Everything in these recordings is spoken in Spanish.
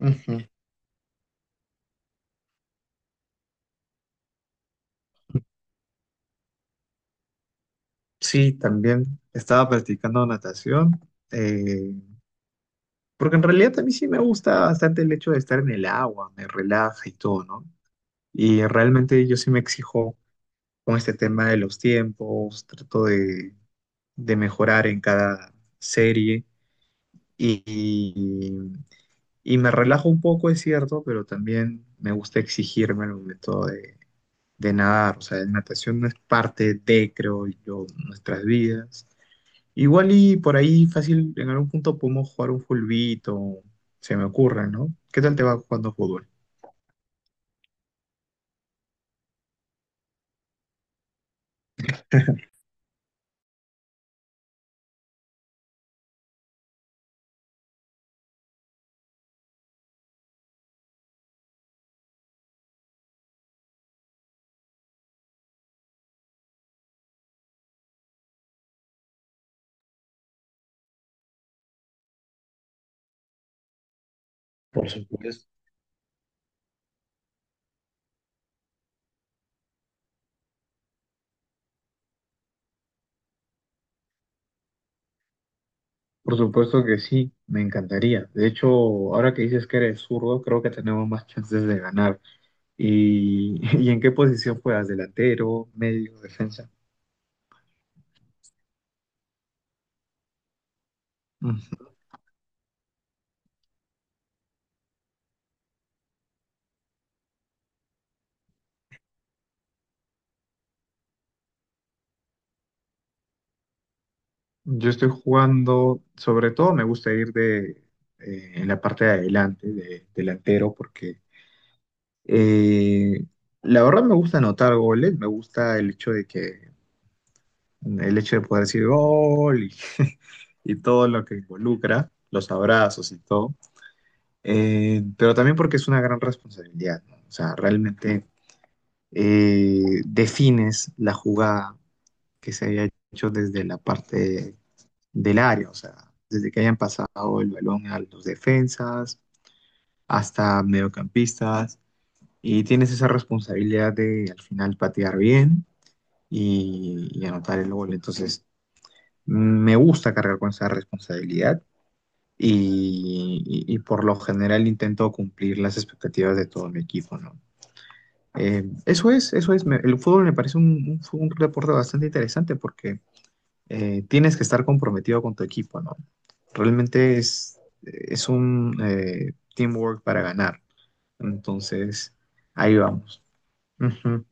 Ujú. Sí, también estaba practicando natación, eh, porque en realidad a mí sí me gusta bastante el hecho de estar en el agua, me relaja y todo, ¿no? Y realmente yo sí me exijo con este tema de los tiempos, trato de mejorar en cada serie y, y, y me relajo un poco, es cierto, pero también me gusta exigirme el momento de nadar, o sea, la natación no es parte de, creo yo, nuestras vidas. Igual y por ahí fácil, en algún punto podemos jugar un fulbito, se me ocurre, ¿no? ¿Qué tal te va jugando fútbol? Por supuesto. Por supuesto que sí, me encantaría. De hecho, ahora que dices que eres zurdo, creo que tenemos más chances de ganar. ¿Y, ¿y en qué posición juegas? ¿Delantero, medio, defensa? Mm. Yo estoy jugando, sobre todo me gusta ir de, en la parte de adelante, de delantero, porque eh, la verdad me gusta anotar goles, me gusta el hecho de poder decir gol y, y todo lo que involucra, los abrazos y todo. Pero también porque es una gran responsabilidad, ¿no? O sea, realmente defines la jugada que se había hecho desde la parte del área, o sea, desde que hayan pasado el balón a los defensas hasta mediocampistas, y tienes esa responsabilidad de al final patear bien y anotar el gol. Entonces, me gusta cargar con esa responsabilidad y, y por lo general intento cumplir las expectativas de todo mi equipo, ¿no? El fútbol me parece un deporte bastante interesante porque tienes que estar comprometido con tu equipo, ¿no? Realmente es un teamwork para ganar, entonces ahí vamos. Ujú.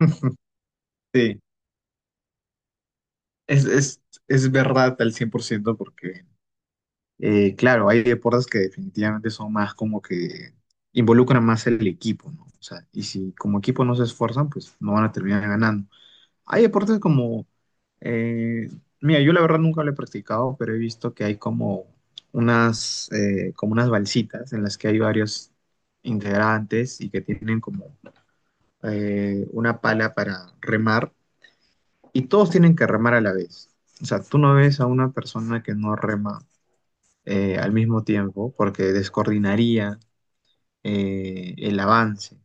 Sí, es, es, es verdad al 100% porque claro, hay deportes que definitivamente son más como que involucran más el equipo, ¿no? O sea, y si como equipo no se esfuerzan, pues no van a terminar ganando. Hay deportes como, eh, mira, yo la verdad nunca lo he practicado, pero he visto que hay como como unas balsitas en las que hay varios integrantes y que tienen como una pala para remar y todos tienen que remar a la vez. O sea, tú no ves a una persona que no rema al mismo tiempo porque descoordinaría el avance.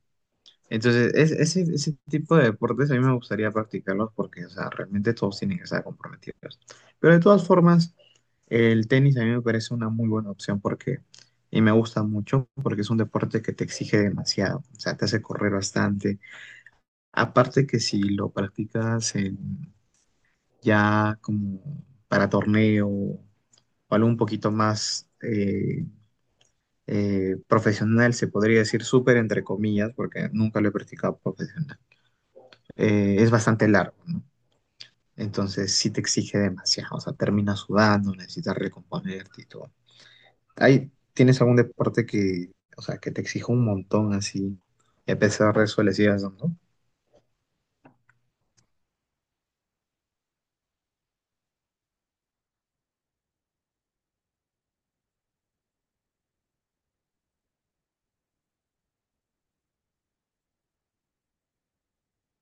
Entonces, ese tipo de deportes a mí me gustaría practicarlos porque, o sea, realmente todos tienen que estar comprometidos. Pero de todas formas, el tenis a mí me parece una muy buena opción porque, y me gusta mucho porque es un deporte que te exige demasiado, o sea, te hace correr bastante. Aparte que si lo practicas en- ya como para torneo o algo un poquito más profesional, se podría decir súper entre comillas, porque nunca lo he practicado profesional. Es bastante largo, ¿no? Entonces sí te exige demasiado, o sea, terminas sudando, necesitas recomponerte y todo. Ahí tienes algún deporte que, o sea, que te exija un montón así, y a pesar de eso le sigas dando.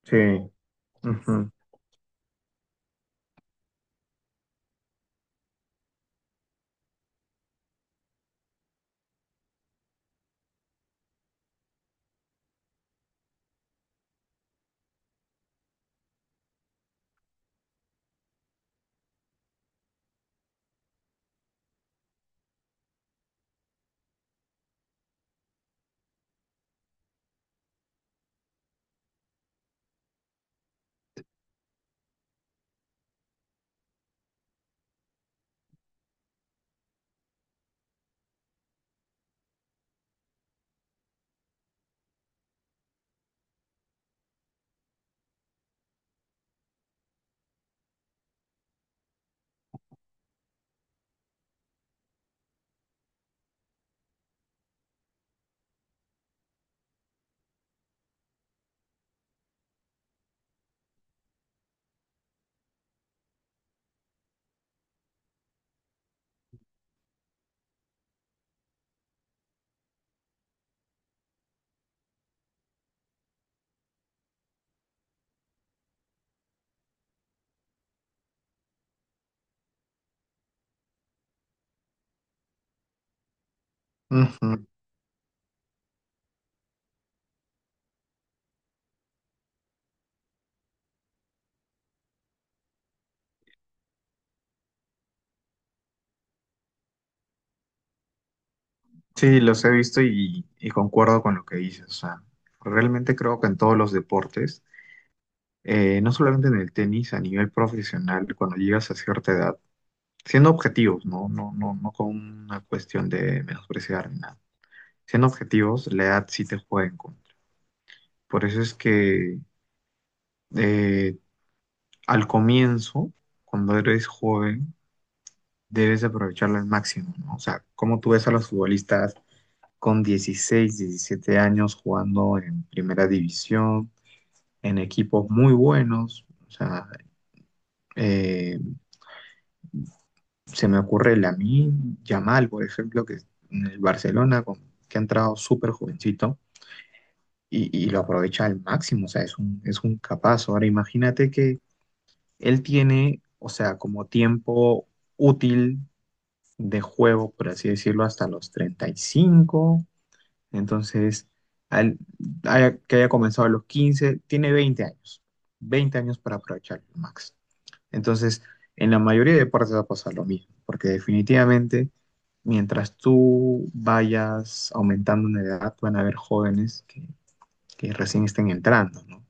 Sí, ujú, ujú. Sí, los he visto y concuerdo con lo que dices. O sea, realmente creo que en todos los deportes no solamente en el tenis, a nivel profesional, cuando llegas a cierta edad, siendo objetivos, ¿no? No, no, no con una cuestión de menospreciar ni nada. Siendo objetivos, la edad sí te juega en contra. Por eso es que eh, al comienzo, cuando eres joven, debes aprovecharla al máximo, ¿no? O sea, como tú ves a los futbolistas con 16 17 años jugando en primera división, en equipos muy buenos, o sea, eh, se me ocurre el Lamine Yamal, por ejemplo, que en el Barcelona, con- que ha entrado súper jovencito y lo aprovecha al máximo, o sea, es un capaz. Ahora imagínate que él tiene, o sea, como tiempo útil de juego, por así decirlo, hasta los 35, entonces, al- haya- que haya comenzado a los 15 tiene 20 años, 20 años para aprovecharlo, Max. Entonces, en la mayoría de partes va a pasar lo mismo, porque definitivamente, mientras tú vayas aumentando en edad, van a haber jóvenes que recién estén entrando, ¿no?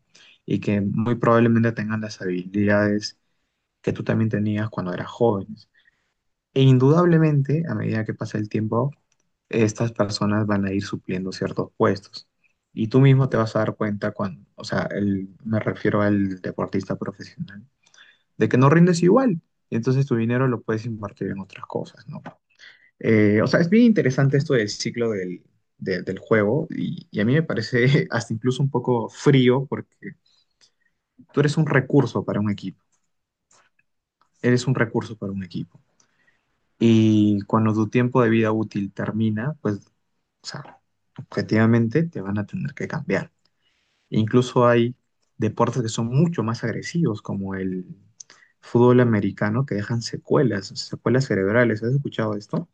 Y que muy probablemente tengan las habilidades que tú también tenías cuando eras joven. E indudablemente, a medida que pasa el tiempo, estas personas van a ir supliendo ciertos puestos. Y tú mismo te vas a dar cuenta cuando, o sea, el- me refiero al deportista profesional de que no rindes igual. Y entonces tu dinero lo puedes invertir en otras cosas, ¿no? O sea, es bien interesante esto del ciclo del, de- del juego y a mí me parece hasta incluso un poco frío porque tú eres un recurso para un equipo, eres un recurso para un equipo. Y cuando tu tiempo de vida útil termina, pues, o sea, objetivamente te van a tener que cambiar. Incluso hay deportes que son mucho más agresivos, como el fútbol americano, que dejan secuelas, secuelas cerebrales. ¿Has escuchado esto?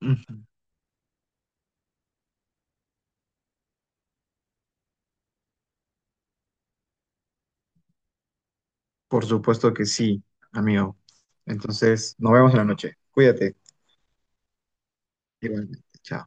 Ujú. Por supuesto que sí, amigo. Entonces, nos vemos en la noche. Cuídate. Igualmente. Chao.